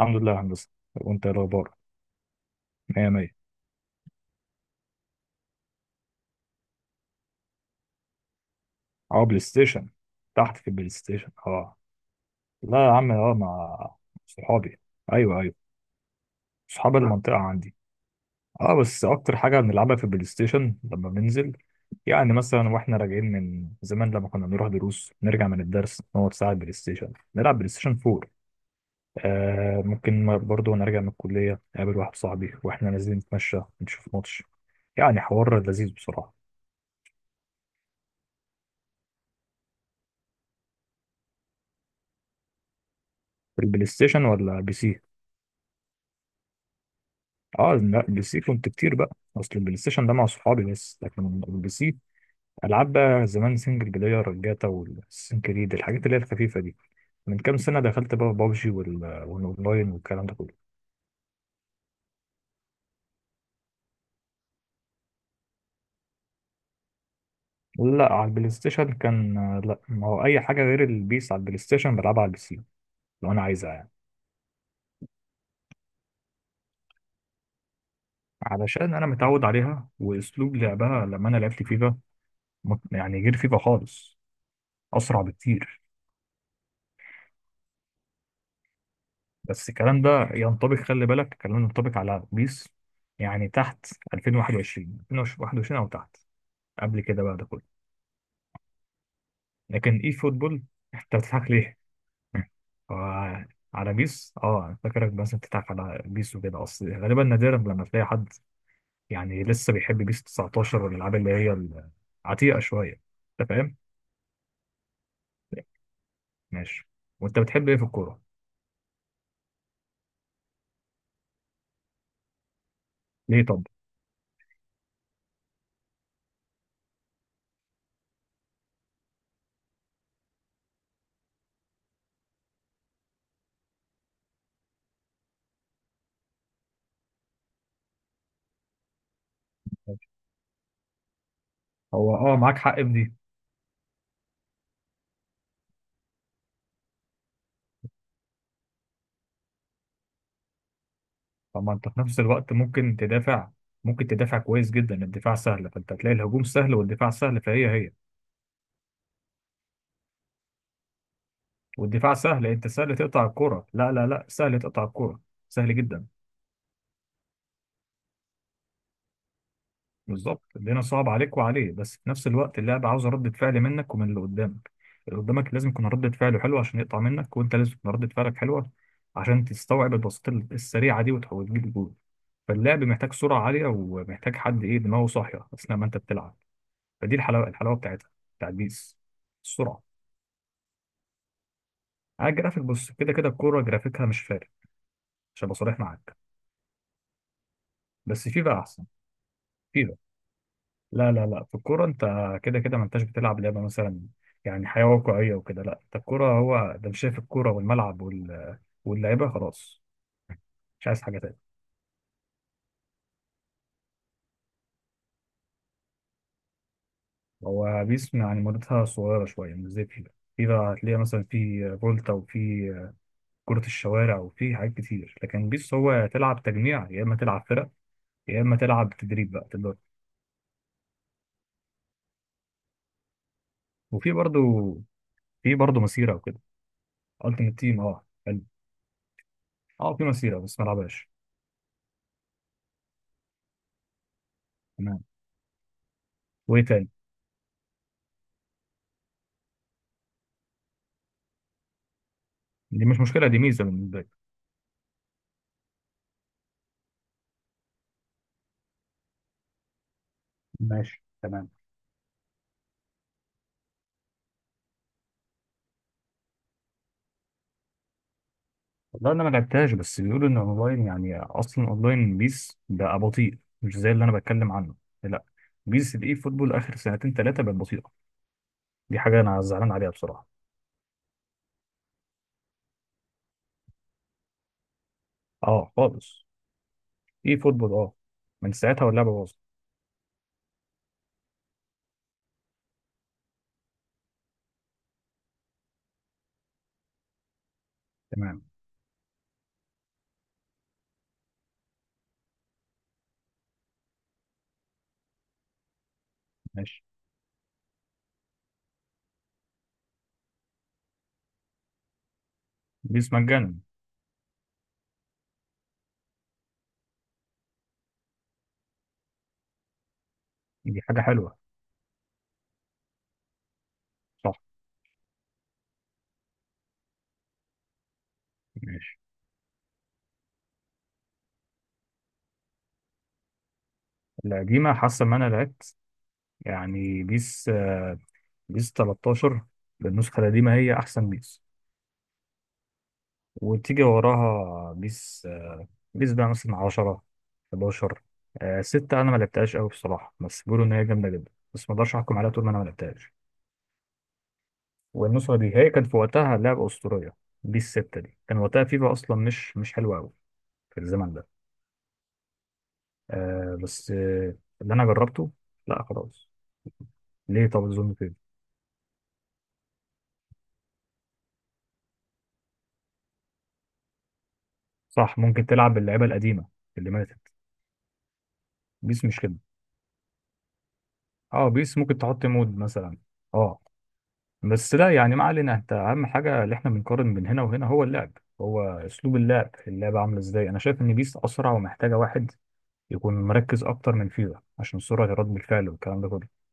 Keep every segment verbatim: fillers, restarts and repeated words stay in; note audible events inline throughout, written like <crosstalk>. الحمد لله يا هندسة، وانت ايه الاخبار؟ مية مية. اه، بلاي ستيشن. تحت في البلاي ستيشن، اه. لا يا عم، اه مع صحابي. ايوه، ايوه. صحاب المنطقة عندي. اه، بس اكتر حاجة بنلعبها في البلاي ستيشن لما بننزل. يعني مثلا واحنا راجعين من زمان لما كنا بنروح دروس، نرجع من الدرس نقعد ساعة بلاي ستيشن، نلعب بلاي ستيشن اربعة. آه ممكن برضه نرجع من الكلية، نقابل واحد صاحبي واحنا نازلين نتمشى، نشوف ماتش. يعني حوار لذيذ بصراحة. في البلاي ستيشن ولا بي سي؟ اه لا، بلاي سي كنت كتير بقى، اصل البلاي ستيشن ده مع صحابي بس، لكن البلاي سي العاب بقى زمان سنجل بلاير، الجاتا والسين كريد، الحاجات اللي هي الخفيفه دي. من كام سنه دخلت بقى بابجي وال- والاونلاين والكلام ده كله. لا، على البلاي ستيشن كان. لا، ما هو اي حاجه غير البيس على البلاي ستيشن بلعبها على البي سي لو انا عايزها يعني. علشان انا متعود عليها واسلوب لعبها، لما انا لعبت فيفا مت- يعني غير فيفا خالص. اسرع بكتير. بس الكلام ده ينطبق، خلي بالك الكلام ده ينطبق على بيس، يعني تحت 2021 2021 او تحت، قبل كده بقى ده كله، لكن اي فوتبول. انت بتضحك ليه؟ <laughs> هو على بيس اه أنا فاكرك بس بتضحك على بيس وكده، اصل غالبا نادرا لما تلاقي حد يعني لسه بيحب بيس تسعتاشر والالعاب اللي هي العتيقه شويه. انت فاهم؟ ماشي. وانت بتحب ايه في الكوره؟ ليه طب؟ هو اه، معاك حق في دي. طب ما انت في نفس الوقت ممكن تدافع، ممكن تدافع كويس جدا، الدفاع سهل، فانت هتلاقي الهجوم سهل والدفاع سهل فهي هي. والدفاع سهل، انت سهل تقطع الكرة، لا لا لا، سهل تقطع الكرة، سهل جدا. بالظبط الدنيا صعب عليك وعليه، بس في نفس الوقت اللعبة عاوزة ردة فعل منك ومن اللي قدامك. اللي قدامك لازم يكون ردة فعله حلوة عشان يقطع منك، وانت لازم يكون ردة فعلك حلوة عشان تستوعب البساطة السريعة دي وتحاول تجيب الجول. فاللعب محتاج سرعة عالية ومحتاج حد ايه، دماغه صاحية اثناء ما انت بتلعب. فدي الحلاوه الحلاوه بتاعتها، بتاعت بيس، السرعه. على الجرافيك بص، كده كده الكوره جرافيكها مش فارق، عشان ابقى صريح معاك. بس فيفا احسن. فيفا. لا لا لا، في الكوره انت كده كده ما انتش بتلعب لعبه، مثلا يعني حياه واقعيه وكده، لا انت الكوره، هو ده، مش شايف الكوره والملعب وال... واللعيبه؟ خلاص، مش عايز حاجه تانية. هو بيس يعني مدتها صغيره شويه، مش زي فيفا. فيفا هتلاقي مثلا في فولتا، وفي كرة الشوارع، وفي حاجات كتير، لكن بيس هو تلعب تجميع، يا إما تلعب فرق، يا إما تلعب تدريب بقى تبدأ. وفي برضو، في برضو مسيرة وكده. التيمت تيم اه، حلو. اه، في مسيرة بس ما لعبهاش. تمام. وايه تاني؟ دي مش مشكلة، دي ميزة بالنسبة لي. ماشي تمام. والله انا ما لعبتهاش، بس بيقولوا ان اونلاين، يعني اصلا اونلاين بيس بقى بطيء، مش زي اللي انا بتكلم عنه. لا، بيس الاي فوتبول اخر سنتين ثلاثه بقت بطيئه. دي حاجه انا زعلان عليها بصراحه. اه خالص. اي فوتبول، اه، من ساعتها واللعبه باظت. تمام. ماشي. بيس مجانا. دي حاجه حلوه. صح. ماشي. القديمه، حاسه ان انا لعبت يعني بيس بيس تلتاشر، بالنسخة القديمة، هي أحسن بيس. وتيجي وراها بيس بيس بقى مثلا عشرة، احد عشر، آه، ستة أنا ما لعبتهاش قوي بصراحة، بس بيقولوا إن هي جامدة جدا، بس ما أقدرش أحكم عليها طول ما أنا ما لعبتهاش. والنسخة دي هي كانت في وقتها لعبة أسطورية. بيس ستة دي كان وقتها فيفا أصلا مش مش حلوة قوي في الزمن ده. آه، بس آه، اللي أنا جربته. لا خلاص. ليه طب الظلم كده؟ صح، ممكن تلعب باللعيبة القديمة اللي ماتت. بيس مش كده. اه، بيس ممكن تحط مود مثلا. اه، بس لا يعني ما علينا، انت اهم حاجه اللي احنا بنقارن بين هنا وهنا هو اللعب، هو اسلوب اللعب، اللعبه عامله ازاي. انا شايف ان بيس اسرع ومحتاجه واحد يكون مركز اكتر من فيفا، عشان سرعه رد الفعل والكلام ده كله.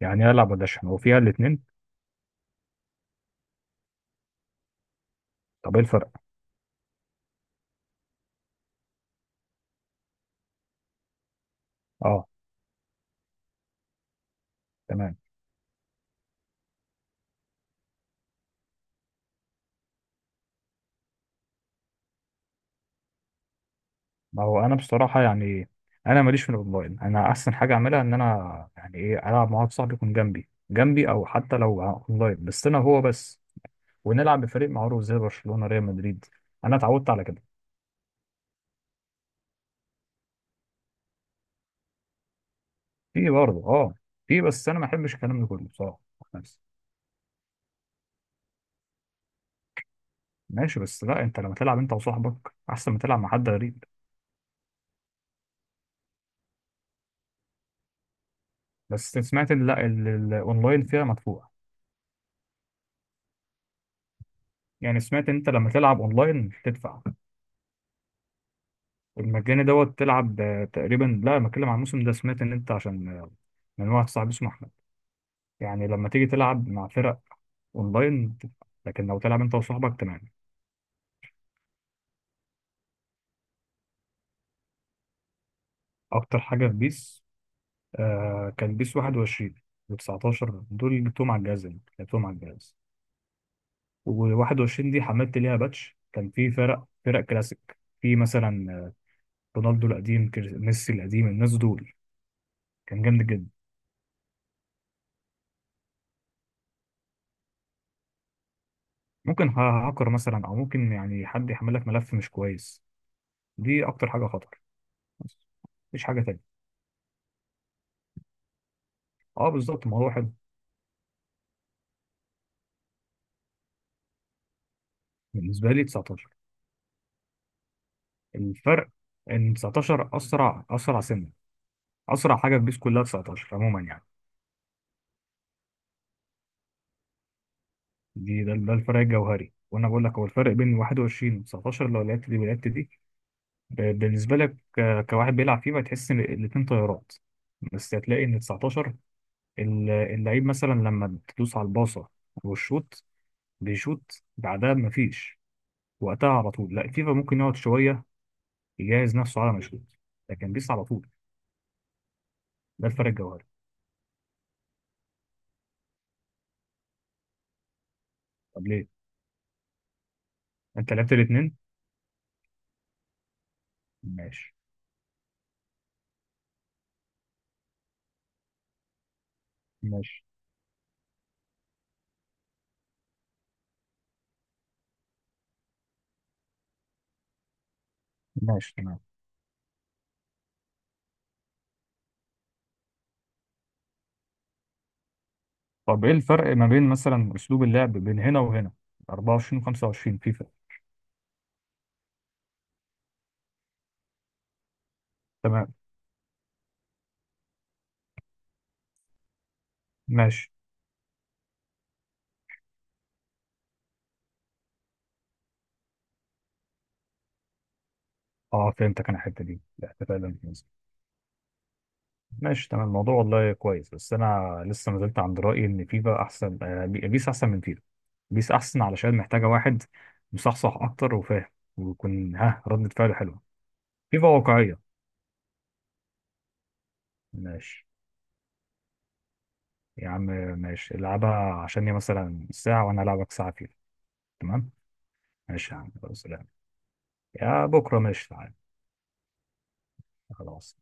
يعني العب ولا اشحن، هو فيها الاثنين. طب ايه الفرق؟ اه تمام. ما هو انا بصراحه يعني انا ماليش في الاونلاين، انا احسن حاجه اعملها ان انا يعني ايه، العب مع واحد صاحبي يكون جنبي جنبي، او حتى لو اونلاين بس انا هو بس، ونلعب بفريق معروف زي برشلونه، ريال مدريد، انا اتعودت على كده. في برضه اه، في بس انا ما بحبش الكلام ده كله بصراحه، نفسي. ماشي بس لا، انت لما تلعب انت وصاحبك احسن ما تلعب مع حد غريب. بس سمعت ان لا، ال- ال- الاونلاين فيها مدفوع. يعني سمعت ان انت لما تلعب اونلاين تدفع. المجاني دوت تلعب، آه، تقريبا، لا أنا بتكلم عن الموسم ده، سمعت ان انت عشان آه، من واحد صاحبي اسمه احمد. يعني لما تيجي تلعب مع فرق اونلاين تدفع، لكن لو تلعب انت وصاحبك تمام. اكتر حاجه في بيس آه كان بيس واحد وعشرين و19، دول اللي جبتهم على الجهاز، يعني لعبتهم على الجهاز. و21 دي حملت ليها باتش، كان في فرق فرق كلاسيك، في مثلا آه، رونالدو القديم، كريس- ميسي القديم، الناس دول، كان جامد جدا. ممكن ها- هاكر مثلا، او ممكن يعني حد يحمل لك ملف مش كويس، دي اكتر حاجه خطر. بس مفيش حاجه تانية. اه بالظبط، الموضوع حلو. بالنسبه لي تسعتاشر. الفرق ان تسعتاشر اسرع اسرع سنه، اسرع حاجه في بيس كلها تسعة عشر عموما يعني. دي ده, ده الفرق الجوهري، وانا بقول لك هو الفرق بين واحد وعشرين و تسعتاشر، لو لعبت دي ولعبت دي، ب- بالنسبه لك ك- كواحد بيلعب فيه، هتحس ان الاتنين طيارات. بس هتلاقي ان تسعتاشر، ال- اللعيب مثلا لما تدوس على الباصه والشوط، بيشوط بعدها، مفيش وقتها، على طول. لا فيفا ممكن يقعد شويه يجهز نفسه على ما يشوط، لكن بيس على طول. ده الفرق الجوهري. طب ليه؟ انت لعبت الاتنين؟ ماشي، ماشي، ماشي، تمام. طب ايه الفرق ما بين مثلا اسلوب اللعب بين هنا وهنا، اربعة وعشرين و25 فيفا. تمام. ماشي. اه فهمتك، انا الحته دي الاحتفال الانجليزي. ماشي تمام، الموضوع والله كويس، بس انا لسه ما زلت عند رايي ان فيفا احسن، آه بي- بيس احسن من فيفا. بيس احسن علشان محتاجه واحد مصحصح اكتر وفاهم، ويكون ها ردة فعله حلوه. فيفا واقعيه. ماشي يا عم. ماشي، العبها عشان هي مثلا ساعه، وانا العبك ساعه فيفا. تمام. ماشي يا عم، خلاص سلام. يا بكره ماشي تعالى. خلاص